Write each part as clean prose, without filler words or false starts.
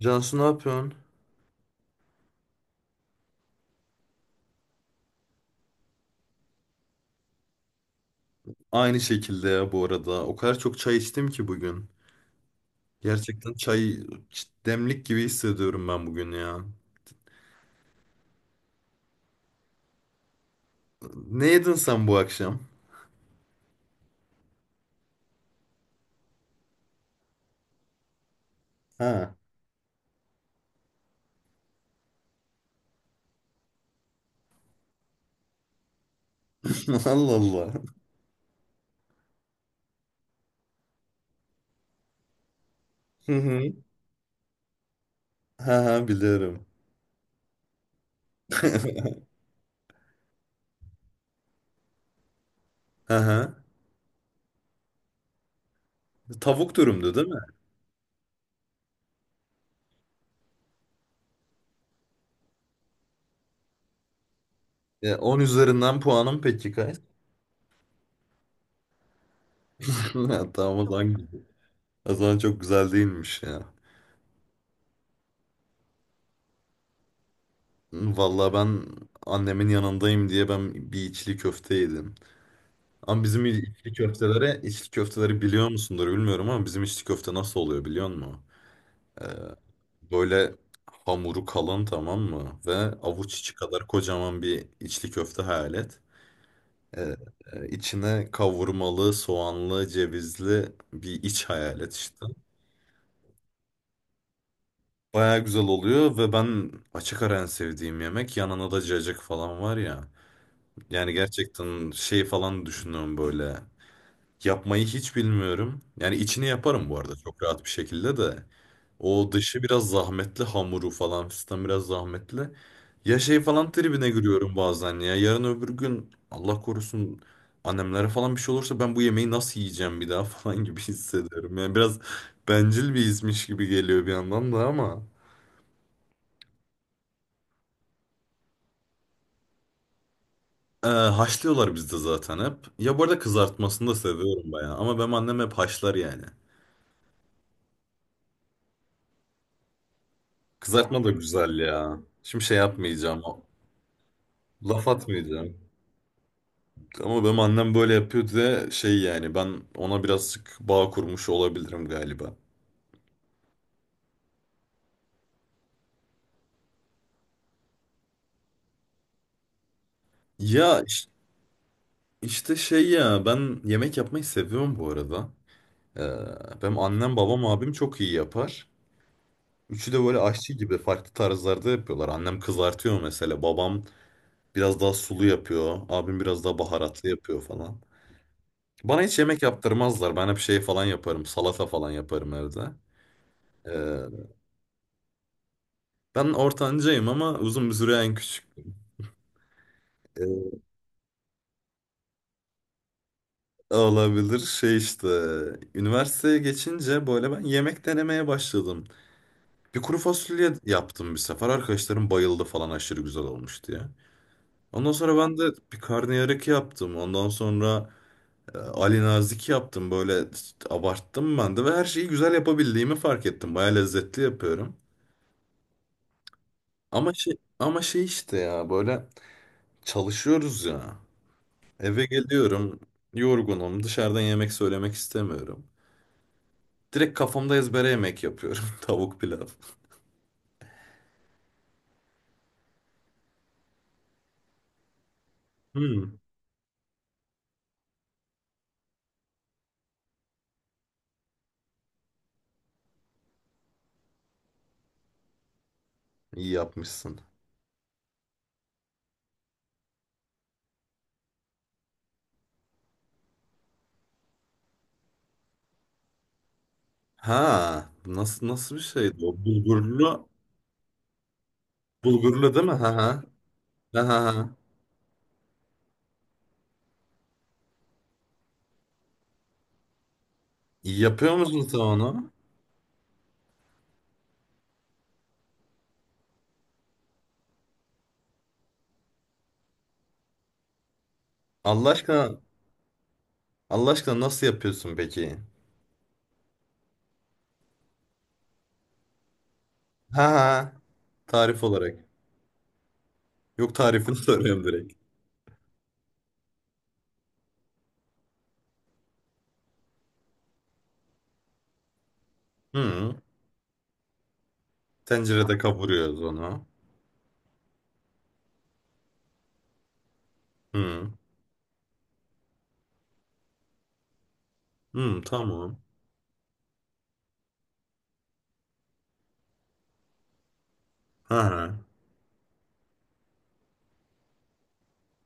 Cansu, ne yapıyorsun? Aynı şekilde ya bu arada. O kadar çok çay içtim ki bugün. Gerçekten çay demlik gibi hissediyorum ben bugün ya. Ne yedin sen bu akşam? Ha. Allah Allah. Hı hı. Ha ha, biliyorum. Ha ha. Tavuk dürümdü değil mi? Ya, 10 üzerinden puanım peki kaç? Ha, tamam o zaman, o zaman çok güzel değilmiş ya. Vallahi ben annemin yanındayım diye ben bir içli köfte yedim. Ama bizim içli köftelere, içli köfteleri biliyor musundur bilmiyorum ama bizim içli köfte nasıl oluyor biliyor musun? Böyle hamuru kalın, tamam mı? Ve avuç içi kadar kocaman bir içli köfte hayal et. Ee, içine kavurmalı, soğanlı, cevizli bir iç hayal et işte. Baya güzel oluyor ve ben açık ara en sevdiğim yemek, yanına da cacık falan var ya. Yani gerçekten şey falan düşünüyorum böyle. Yapmayı hiç bilmiyorum. Yani içini yaparım bu arada, çok rahat bir şekilde de. O dışı biraz zahmetli, hamuru falan fistan biraz zahmetli. Ya şey falan tribine giriyorum bazen ya. Yarın öbür gün Allah korusun, annemlere falan bir şey olursa ben bu yemeği nasıl yiyeceğim bir daha falan gibi hissediyorum. Yani biraz bencil bir izmiş gibi geliyor bir yandan da ama. Haşlıyorlar bizde zaten hep. Ya bu arada kızartmasını da seviyorum bayağı. Ama benim annem hep haşlar yani. Kızartma da güzel ya. Şimdi şey yapmayacağım. Laf atmayacağım. Ama benim annem böyle yapıyor diye şey, yani ben ona birazcık bağ kurmuş olabilirim galiba. Ya iş- işte şey ya, ben yemek yapmayı seviyorum bu arada. Benim annem, babam, abim çok iyi yapar. Üçü de böyle aşçı gibi farklı tarzlarda yapıyorlar. Annem kızartıyor mesela, babam biraz daha sulu yapıyor. Abim biraz daha baharatlı yapıyor falan. Bana hiç yemek yaptırmazlar. Ben hep şey falan yaparım, salata falan yaparım evde. Ee, Ben ortancayım ama uzun bir süre en küçük. e, Olabilir şey işte. Üniversiteye geçince böyle ben yemek denemeye başladım. Bir kuru fasulye yaptım bir sefer. Arkadaşlarım bayıldı falan, aşırı güzel olmuş diye. Ondan sonra ben de bir karnıyarık yaptım. Ondan sonra Ali Nazik yaptım. Böyle abarttım ben de ve her şeyi güzel yapabildiğimi fark ettim. Baya lezzetli yapıyorum. Ama şey işte ya, böyle çalışıyoruz ya. Eve geliyorum, yorgunum. Dışarıdan yemek söylemek istemiyorum. Direkt kafamda ezbere yemek yapıyorum. Tavuk pilav. Hmm. İyi yapmışsın. Ha, nasıl, nasıl bir şeydi o? Bulgurlu, bulgurlu değil mi? Ha ha. Ha ha. Ha. İyi yapıyor musun sen onu? Allah aşkına, Allah aşkına nasıl yapıyorsun peki? Ha ha. Tarif olarak. Yok, tarifini soruyorum direkt. Hı. Tencerede kavuruyoruz onu. Hı. Hı, tamam. Ha ha.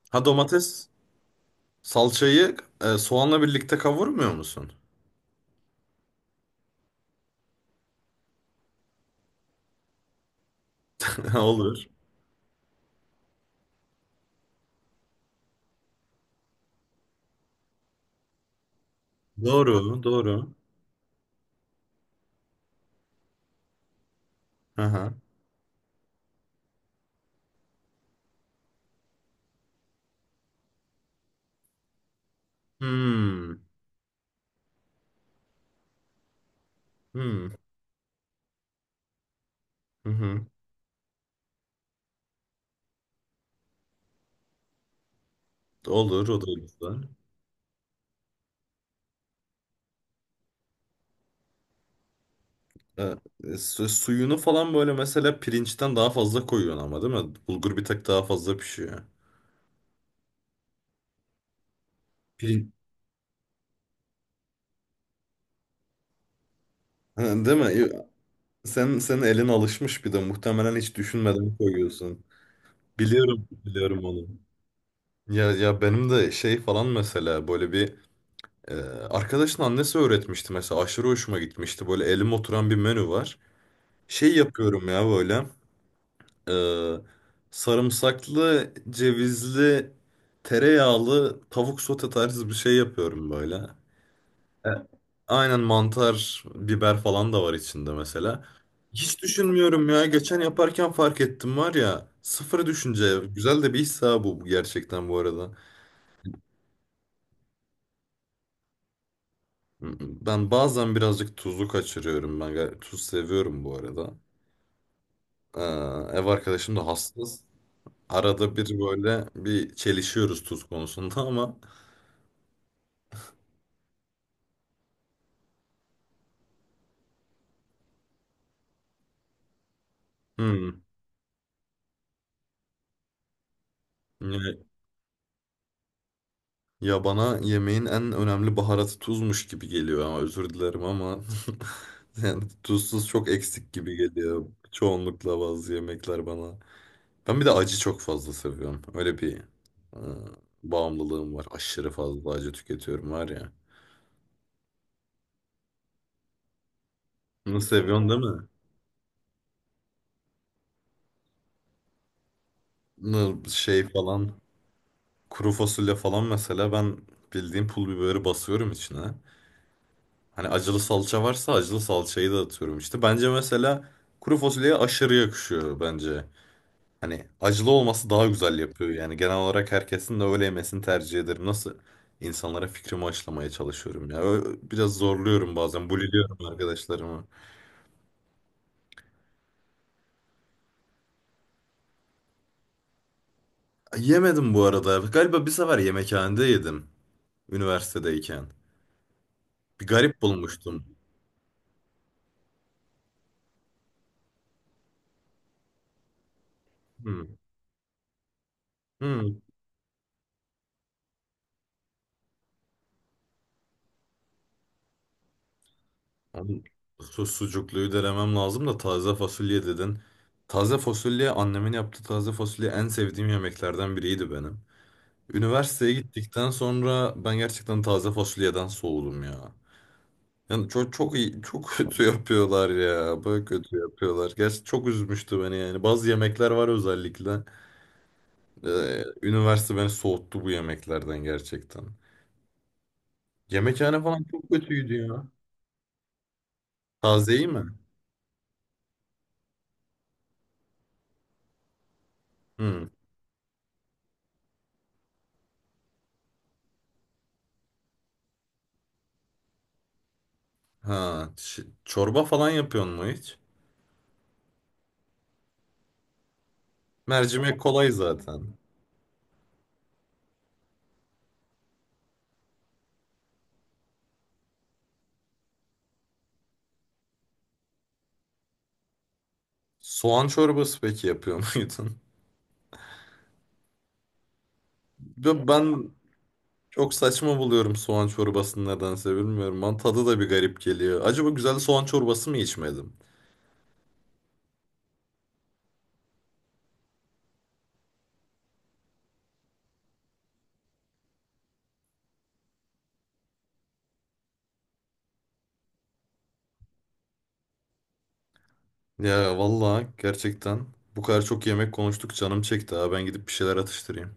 Ha, domates salçayı soğanla birlikte kavurmuyor musun? Olur. Doğru, doğru. Aha. Hmm. Hmm. Hı hı. Olur, o da olur. Suyunu falan böyle mesela pirinçten daha fazla koyuyorsun ama değil mi? Bulgur bir tık daha fazla pişiyor. Pirin- Ha, değil mi? Senin elin alışmış bir de, muhtemelen hiç düşünmeden koyuyorsun. Biliyorum, biliyorum onu. Ya benim de şey falan mesela, böyle bir e, arkadaşın annesi öğretmişti mesela, aşırı hoşuma gitmişti. Böyle elim oturan bir menü var. Şey yapıyorum ya böyle. Ee, Sarımsaklı, cevizli, tereyağlı tavuk sote tarzı bir şey yapıyorum böyle. E, aynen mantar, biber falan da var içinde mesela. Hiç düşünmüyorum ya. Geçen yaparken fark ettim var ya. Sıfır düşünce. Güzel de bir his ha, bu gerçekten bu arada. Ben bazen birazcık tuzu kaçırıyorum. Ben tuz seviyorum bu arada. Ee, Ev arkadaşım da hassas. Arada bir böyle bir çelişiyoruz tuz konusunda ama. Hmm. Ya, ya, bana yemeğin en önemli baharatı tuzmuş gibi geliyor, ama özür dilerim ama yani tuzsuz çok eksik gibi geliyor çoğunlukla bazı yemekler bana. Ben bir de acı çok fazla seviyorum. Öyle bir e, bağımlılığım var. Aşırı fazla acı tüketiyorum var ya. Bunu seviyorsun değil mi? Bunu şey falan, kuru fasulye falan mesela, ben bildiğim pul biberi basıyorum içine. Hani acılı salça varsa acılı salçayı da atıyorum işte. Bence mesela kuru fasulyeye aşırı yakışıyor bence. Hani acılı olması daha güzel yapıyor. Yani genel olarak herkesin de öyle yemesini tercih ederim. Nasıl insanlara fikrimi aşılamaya çalışıyorum ya. Biraz zorluyorum bazen. Buliliyorum arkadaşlarımı. Yemedim bu arada. Galiba bir sefer yemekhanede yedim. Üniversitedeyken. Bir garip bulmuştum. Hmm. Hmm. Abi, sucukluyu denemem lazım da, taze fasulye dedin. Taze fasulye, annemin yaptığı taze fasulye en sevdiğim yemeklerden biriydi benim. Üniversiteye gittikten sonra ben gerçekten taze fasulyeden soğudum ya. Yani çok çok iyi, çok kötü yapıyorlar ya. Böyle kötü yapıyorlar. Gerçi çok üzmüştü beni yani. Bazı yemekler var özellikle. Üniversite beni soğuttu bu yemeklerden gerçekten. Yemekhane falan çok kötüydü ya. Tazeyi mi? Hmm. Ha, çorba falan yapıyor mu hiç? Mercimek kolay zaten. Soğan çorbası peki yapıyor muydun? Ya ben çok saçma buluyorum soğan çorbasını, nedense bilmiyorum. Bana tadı da bir garip geliyor. Acaba güzel soğan çorbası mı içmedim? Ya vallahi gerçekten bu kadar çok yemek konuştuk, canım çekti ha. Ben gidip bir şeyler atıştırayım.